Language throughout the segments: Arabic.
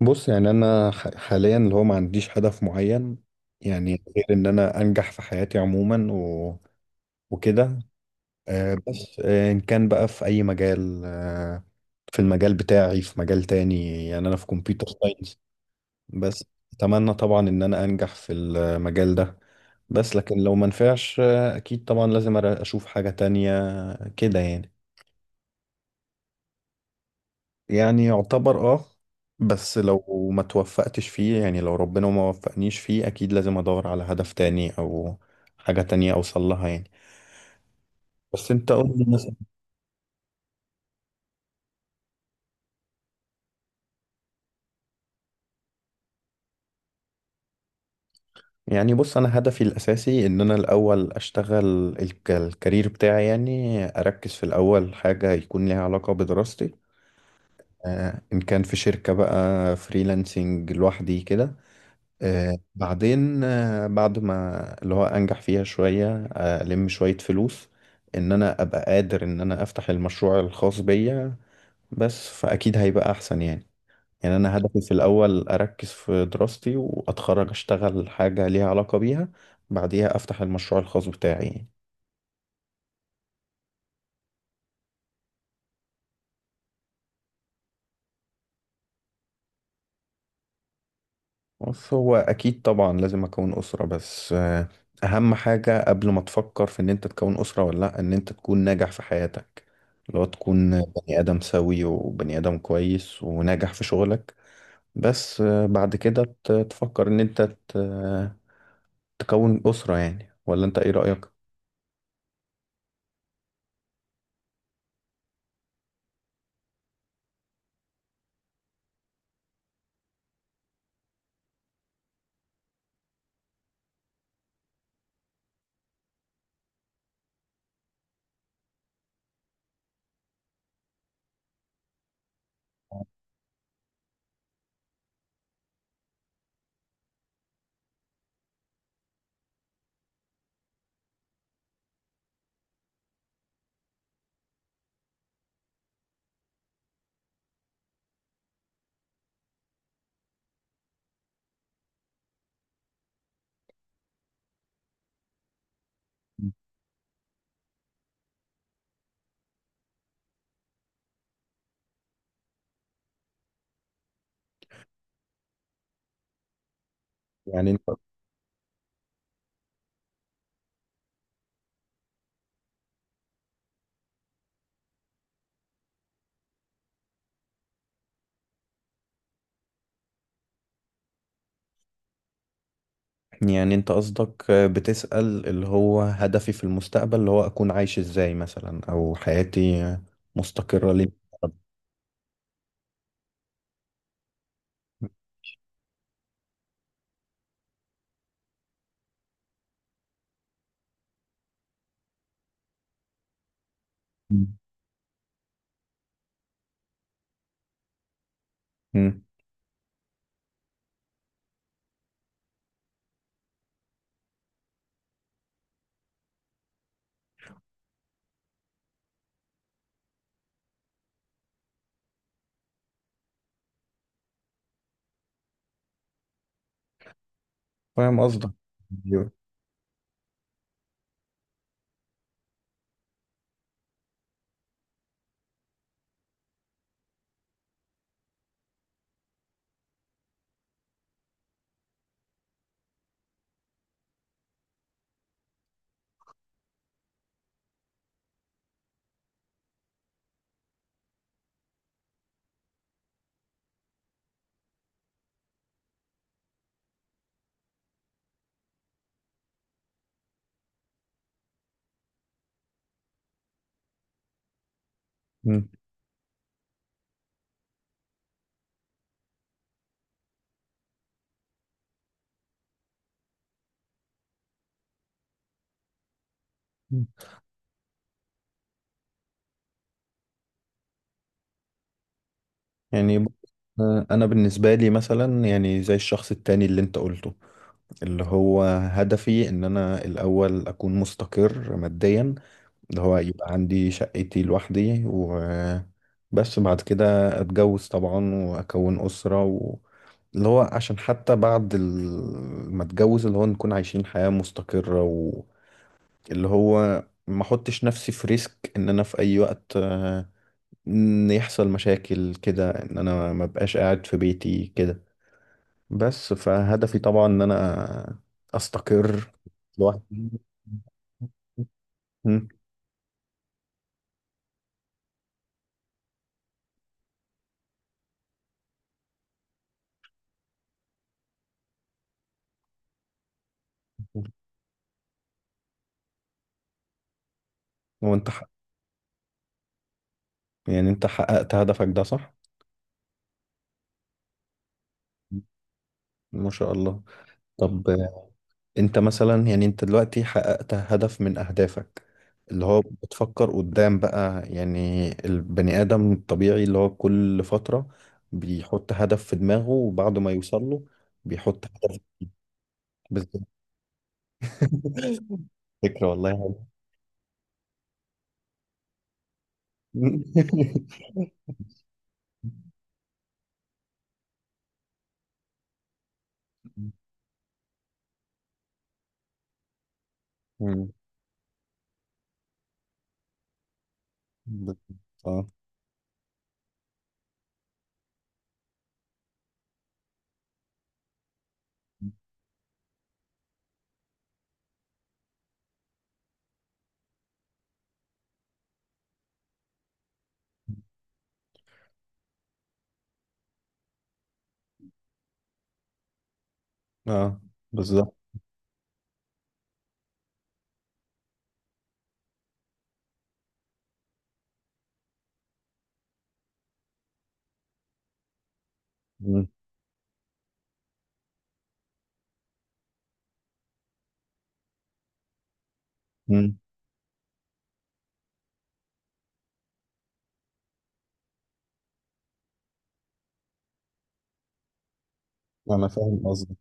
بص، يعني انا حاليا اللي هو ما عنديش هدف معين. يعني غير ان انا انجح في حياتي عموما وكده. بس ان كان بقى في اي مجال، في المجال بتاعي، في مجال تاني. يعني انا في كمبيوتر ساينس. بس اتمنى طبعا ان انا انجح في المجال ده. بس لكن لو ما نفعش، اكيد طبعا لازم اشوف حاجة تانية كده. يعني يعتبر اه. بس لو ما توفقتش فيه، يعني لو ربنا ما وفقنيش فيه، اكيد لازم ادور على هدف تاني او حاجة تانية اوصل لها يعني. بس انت قول لي مثلا. يعني بص، انا هدفي الاساسي ان انا الاول اشتغل الكارير بتاعي. يعني اركز في الاول حاجة يكون ليها علاقة بدراستي، ان كان في شركة بقى، فريلانسنج لوحدي كده. بعدين، بعد ما اللي هو انجح فيها شوية، الم شوية فلوس، ان انا ابقى قادر ان انا افتح المشروع الخاص بيا. بس فاكيد هيبقى احسن يعني. يعني انا هدفي في الاول اركز في دراستي واتخرج، اشتغل حاجة ليها علاقة بيها، بعديها افتح المشروع الخاص بتاعي يعني. بص، هو اكيد طبعا لازم اكون اسره، بس اهم حاجه قبل ما تفكر في ان انت تكون اسره ولا لا، ان انت تكون ناجح في حياتك، لو تكون بني ادم سوي وبني ادم كويس وناجح في شغلك. بس بعد كده تفكر ان انت ت- تكون اسره يعني. ولا انت ايه رايك؟ يعني انت يعني انت قصدك، بتسال اللي هو هدفي في المستقبل، اللي هو اكون عايش ازاي مثلا، او حياتي مستقره ليه. مم. فاهم قصدك. أيوة. مم. مم. يعني انا بالنسبه لي مثلا، يعني زي الشخص التاني اللي انت قلته، اللي هو هدفي ان انا الاول اكون مستقر ماديا، اللي هو يبقى عندي شقتي لوحدي وبس. بعد كده اتجوز طبعا واكون اسره. اللي هو عشان حتى بعد ما اتجوز، اللي هو نكون عايشين حياه مستقره، واللي هو ما احطش نفسي في ريسك. ان انا في اي وقت ان يحصل مشاكل كده، ان انا ما بقاش قاعد في بيتي كده. بس فهدفي طبعا ان انا استقر لوحدي. مم. وانت ح- يعني انت حققت هدفك ده، صح؟ ما شاء الله. طب انت مثلا، يعني انت دلوقتي حققت هدف من اهدافك. اللي هو بتفكر قدام بقى، يعني البني ادم الطبيعي اللي هو كل فترة بيحط هدف في دماغه، وبعد ما يوصل له بيحط هدف فكرة والله حلوة. مم. اه، اه، بالظبط. مم. مم. انا فاهم قصدك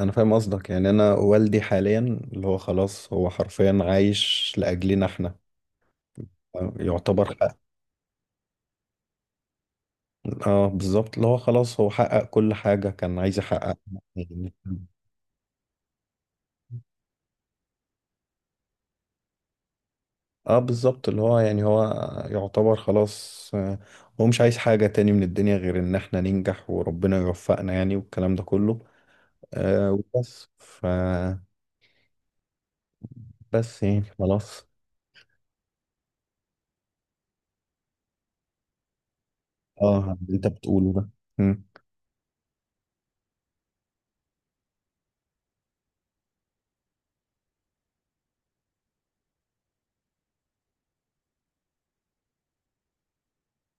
انا فاهم قصدك. يعني انا والدي حاليا، اللي هو خلاص، هو حرفيا عايش لاجلنا احنا. يعتبر حقق. اه بالظبط، اللي هو خلاص هو حقق كل حاجة كان عايز يحققها يعني. اه بالظبط اللي هو يعني هو يعتبر خلاص، هو مش عايز حاجة تاني من الدنيا غير ان احنا ننجح وربنا يوفقنا يعني والكلام ده كله. آه. وبس ف بس يعني خلاص. اه، اللي انت بتقوله ده. مم.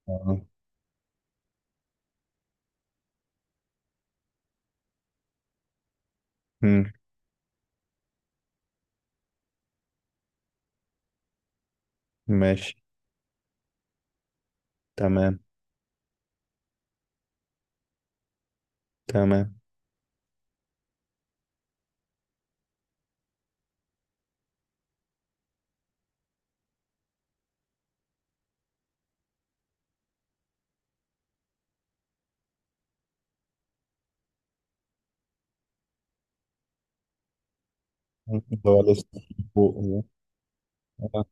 اه. مم. ماشي. تمام. تمام. مم. هو لسه فوق هو. آه.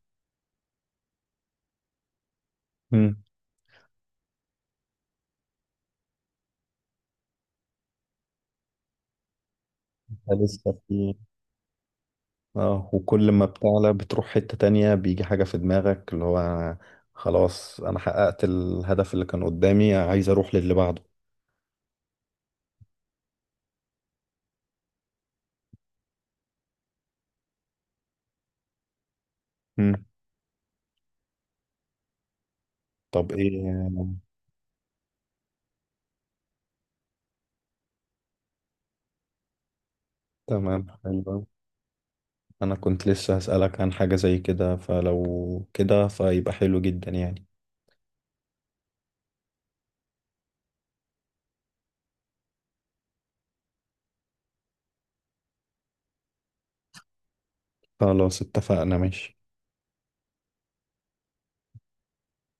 مم. لسه في اه، وكل ما بتعلى بتروح حتة تانية، بيجي حاجة في دماغك اللي هو أنا خلاص أنا حققت الهدف اللي كان قدامي، عايز أروح للي بعده. مم. طب إيه. تمام حلو أوي. أنا كنت لسه هسألك عن حاجة زي كده، فلو كده فيبقى حلو جدا يعني. خلاص اتفقنا ماشي.